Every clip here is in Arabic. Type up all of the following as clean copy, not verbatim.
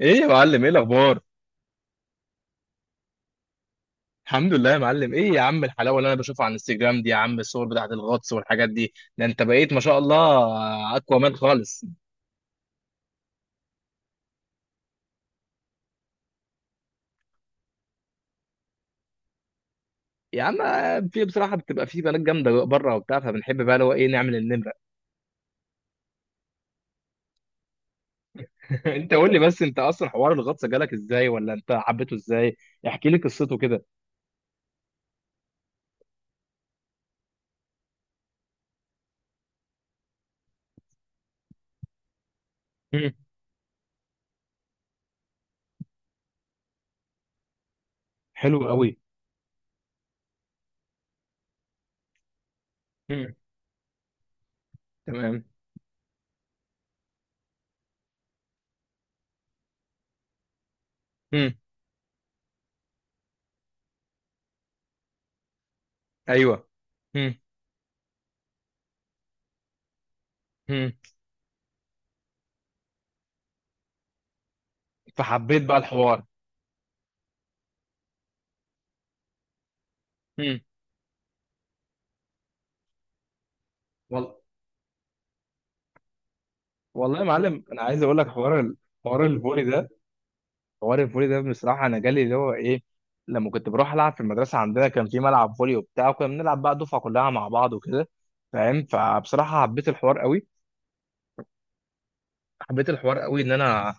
ايه يا معلم، ايه الاخبار؟ الحمد لله يا معلم. ايه يا عم الحلاوه اللي انا بشوفها على الانستجرام دي؟ يا عم الصور بتاعت الغطس والحاجات دي، ده انت بقيت ما شاء الله اقوى مان خالص. يا عم في بصراحه بتبقى في بنات جامده بره وبتاع، فبنحب بقى اللي هو ايه، نعمل النمره. انت قول لي بس، انت اصلا حوار الغطس جالك ازاي ولا انت حبيته ازاي؟ احكي لي قصته كده. مم. حلو قوي. مم. تمام. مم. ايوه. مم. مم. فحبيت بقى الحوار. مم. وال- والله يا معلم انا عايز اقول لك حوار الفولي ده. حوار الفولي ده بصراحة أنا جالي اللي هو إيه، لما كنت بروح ألعب في المدرسة عندنا كان في ملعب فولي وبتاع، وكنا بنلعب بقى دفعة كلها مع بعض وكده، فاهم؟ فبصراحة حبيت الحوار قوي. حبيت الحوار قوي إن أنا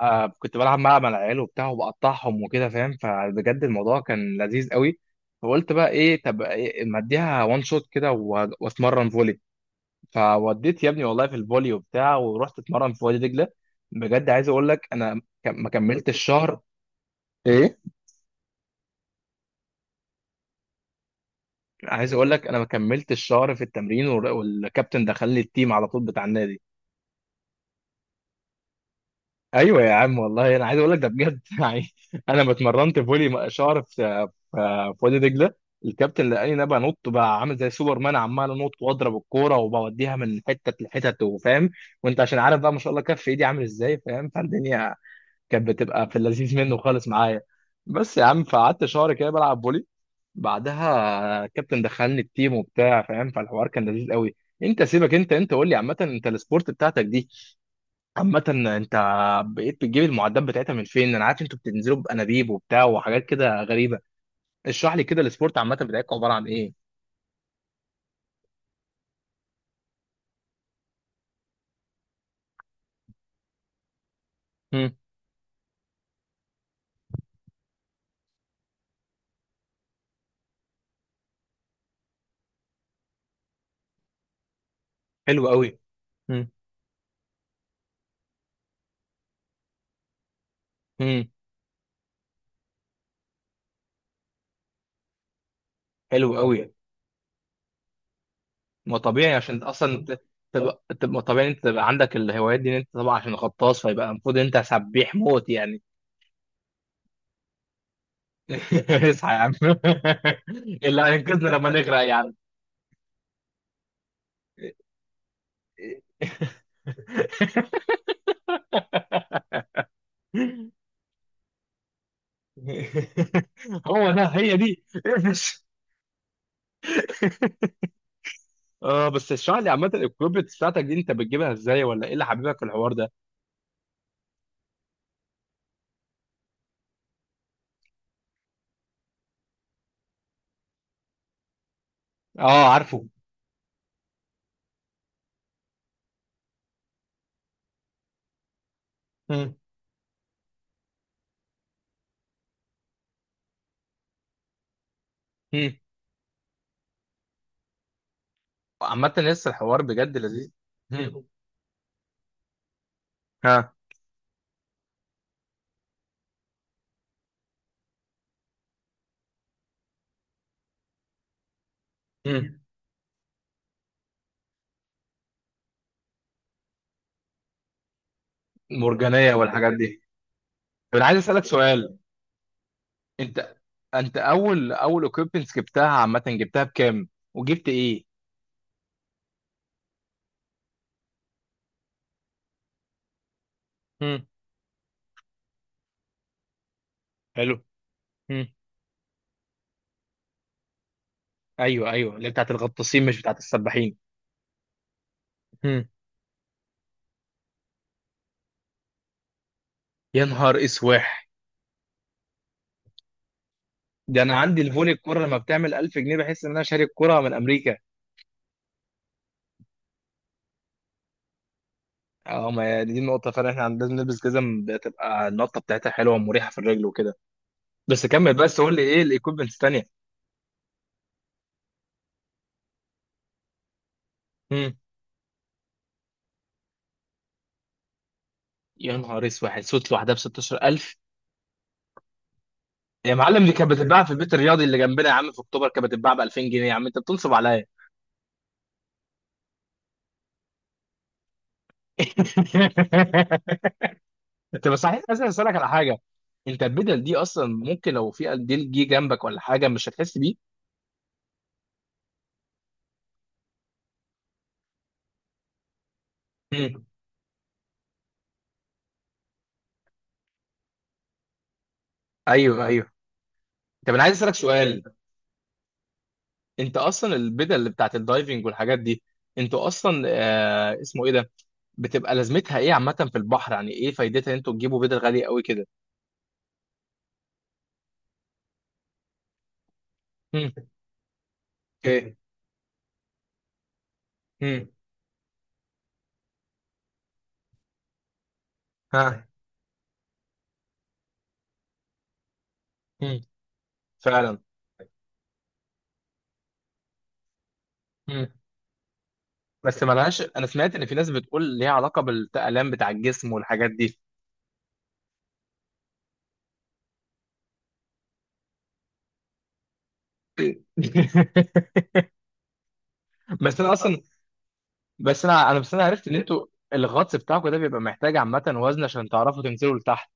كنت بلعب مع العيال وبتاع وبقطعهم وكده، فاهم؟ فبجد الموضوع كان لذيذ قوي. فقلت بقى إيه، طب إيه، ما أديها وان شوت كده وأتمرن فولي. فوديت يا ابني والله في الفولي وبتاع، ورحت أتمرن في وادي دجلة. بجد عايز أقول لك أنا ما كملتش شهر. إيه، عايز اقول لك انا ما كملتش شهر في التمرين والكابتن دخل لي التيم على طول بتاع النادي. ايوه يا عم والله انا عايز اقول لك ده بجد. يعني انا ما اتمرنت فولي شهر في في وادي دجله، الكابتن لقاني انا بنط بقى عامل زي سوبر مان، عمال انط واضرب الكوره وبوديها من حته لحتت، وفاهم، وانت عشان عارف بقى ما شاء الله كف ايدي عامل ازاي، فاهم؟ فالدنيا كانت بتبقى في اللذيذ منه خالص معايا. بس يا عم، فقعدت شهر كده بلعب فولي، بعدها الكابتن دخلني التيم وبتاع، فاهم؟ فالحوار كان لذيذ قوي. انت سيبك انت، قول لي عامه، انت السبورت بتاعتك دي عامه، انت بقيت بتجيب المعدات بتاعتها من فين؟ انا عارف انتوا بتنزلوا بانابيب وبتاع وحاجات كده غريبه. اشرح لي كده السبورت عامه بتاعتكم عباره عن ايه. امم. حلو قوي. امم. حلو قوي. ما طبيعي عشان اصلا تبقى طبيعي انت تبقى عندك الهوايات دي، ان انت طبعا عشان غطاس فيبقى المفروض انت سبيح موت يعني. اصحى يا عم. اللي هينقذنا لما نغرق يعني. هو ده، هي دي، اقفش. اه بس اشرح لي عامة الكروبت بتاعتك دي، انت بتجيبها ازاي؟ ولا ايه اللي حبيبك في الحوار ده؟ اه، عارفه. مم. مم. عامة لسه الحوار بجد لذيذ. مم. ها. مم. مرجانية والحاجات دي. طب انا عايز اسألك سؤال. انت، انت اول اول equipment جبتها عامة جبتها بكام؟ وجبت ايه؟ مم. حلو. مم. ايوه ايوه، اللي بتاعت الغطاسين مش بتاعت السباحين. مم. يا نهار اسواح! ده انا عندي الفولي الكرة لما بتعمل 1000 جنيه بحس ان انا شاري الكرة من امريكا. اه، ما هي دي النقطة فعلا، احنا عندنا لازم نلبس جزم بتبقى النقطة بتاعتها حلوة ومريحة في الرجل وكده. بس كمل، بس قول لي ايه الايكويبمنتس الثانية. امم. يا نهار اسود، صوت لوحدها ب 16000؟ يا معلم دي كانت بتتباع في البيت الرياضي اللي جنبنا يا عم، في اكتوبر كانت بتتباع ب 2000 جنيه، يا عم انت بتنصب عليا. انت بس صحيح عايز اسالك على حاجة. انت البدل دي اصلا ممكن لو في ديل جه جنبك ولا حاجة مش هتحس بيه؟ امم. ايوه ايوه. طب انا عايز اسالك سؤال. انت اصلا البدل اللي بتاعت الدايفنج والحاجات دي، انتوا اصلا اسمه ايه ده، بتبقى لازمتها ايه عامه في البحر؟ يعني ايه فايدتها ان انتوا تجيبوا بدل غاليه قوي كده؟ امم. اوكي. امم. ها. امم. فعلا. امم. بس ملهاش، انا سمعت ان في ناس بتقول ليها علاقه بالالام بتاع الجسم والحاجات دي. بس انا اصلا، بس انا عرفت ان انتوا الغطس بتاعكم ده بيبقى محتاج عامه وزن عشان تعرفوا تنزلوا لتحت.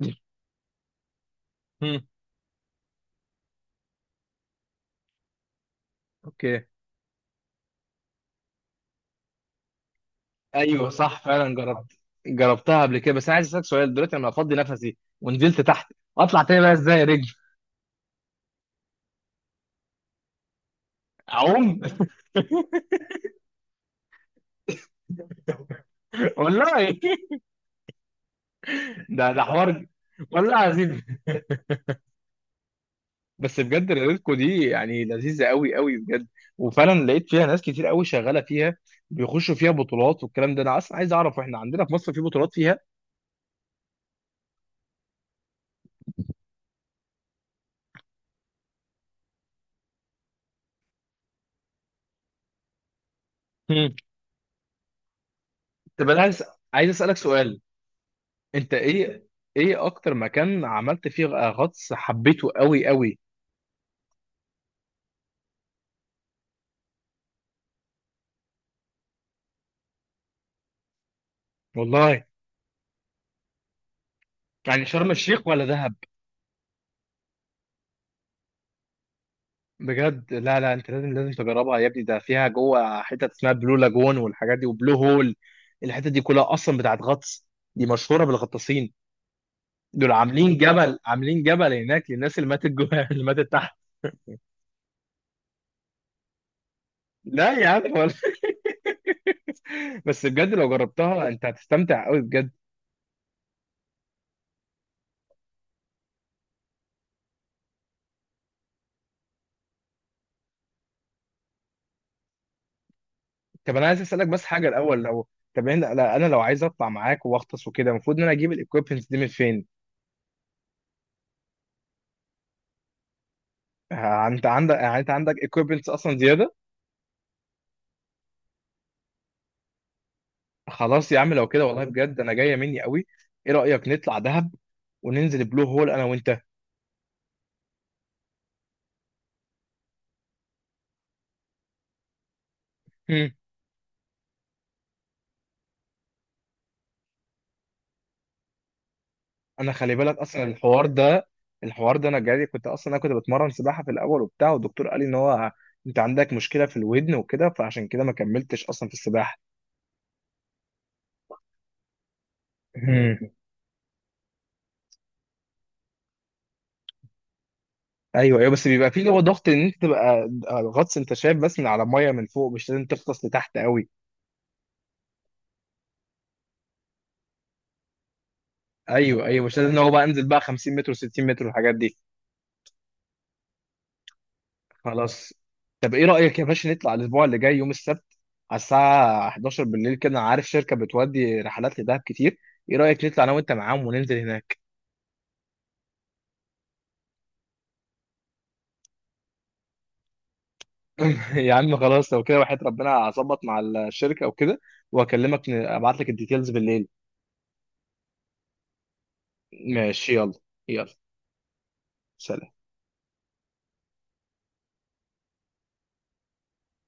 مم. اوكي. ايوه صح فعلا، جربت. جربتها قبل كده، بس انا عايز اسالك سؤال، دلوقتي لما افضي نفسي ونزلت تحت، اطلع تاني بقى ازاي يا رجل؟ اعوم. والله! ده حوار. والله عظيم. بس بجد ريلتكو دي يعني لذيذه قوي قوي بجد. وفعلا لقيت فيها ناس كتير قوي شغاله فيها، بيخشوا فيها بطولات والكلام ده. انا اصلا عايز اعرف، احنا عندنا في مصر في بطولات فيها؟ مم. طب انا عايز، اسالك سؤال. انت ايه، اكتر مكان عملت فيه غطس حبيته قوي قوي؟ والله يعني شرم الشيخ ولا دهب؟ بجد؟ لا لا، انت لازم لازم تجربها يا ابني، ده فيها جوه حتت اسمها بلو لاجون والحاجات دي، وبلو هول. الحتت دي كلها اصلا بتاعت غطس، دي مشهوره بالغطاسين. دول عاملين جبل، عاملين جبل هناك للناس اللي ماتت جوه اللي ماتت تحت. لا يا عم، ولا. بس بجد لو جربتها انت هتستمتع قوي بجد. طب انا عايز اسالك بس حاجه الاول، لو طب انا لا، انا لو عايز اطلع معاك واغطس وكده، المفروض ان انا اجيب الايكويبمنتس دي من فين؟ ها، انت عندك؟ يعني انت عندك ايكويبمنتس اصلا زياده؟ خلاص يا عم لو كده والله بجد انا جايه مني قوي. ايه رايك نطلع دهب وننزل بلو هول انا وانت؟ هم. انا خلي بالك اصلا الحوار ده، الحوار ده انا جاي، كنت اصلا انا كنت بتمرن سباحه في الاول وبتاع، والدكتور قال لي ان هو انت عندك مشكله في الودن وكده، فعشان كده ما كملتش اصلا في السباحه. هم. ايوه ايوه، بس بيبقى فيه اللي هو ضغط، ان انت تبقى غطس، انت شايف بس من على الميه من فوق، مش لازم تغطس لتحت قوي. ايوه ايوه، مش لازم ان هو بقى انزل بقى 50 متر و60 متر والحاجات دي. خلاص. طب ايه رأيك يا باشا نطلع الاسبوع اللي جاي يوم السبت، على الساعة 11 بالليل كده، انا عارف شركة بتودي رحلات لدهب كتير، ايه رأيك نطلع انا وانت معاهم وننزل هناك؟ يا عم خلاص لو كده وحياة ربنا هظبط مع الشركة وكده، واكلمك ابعت لك الديتيلز بالليل. ماشي، يلا، يلا، سلام.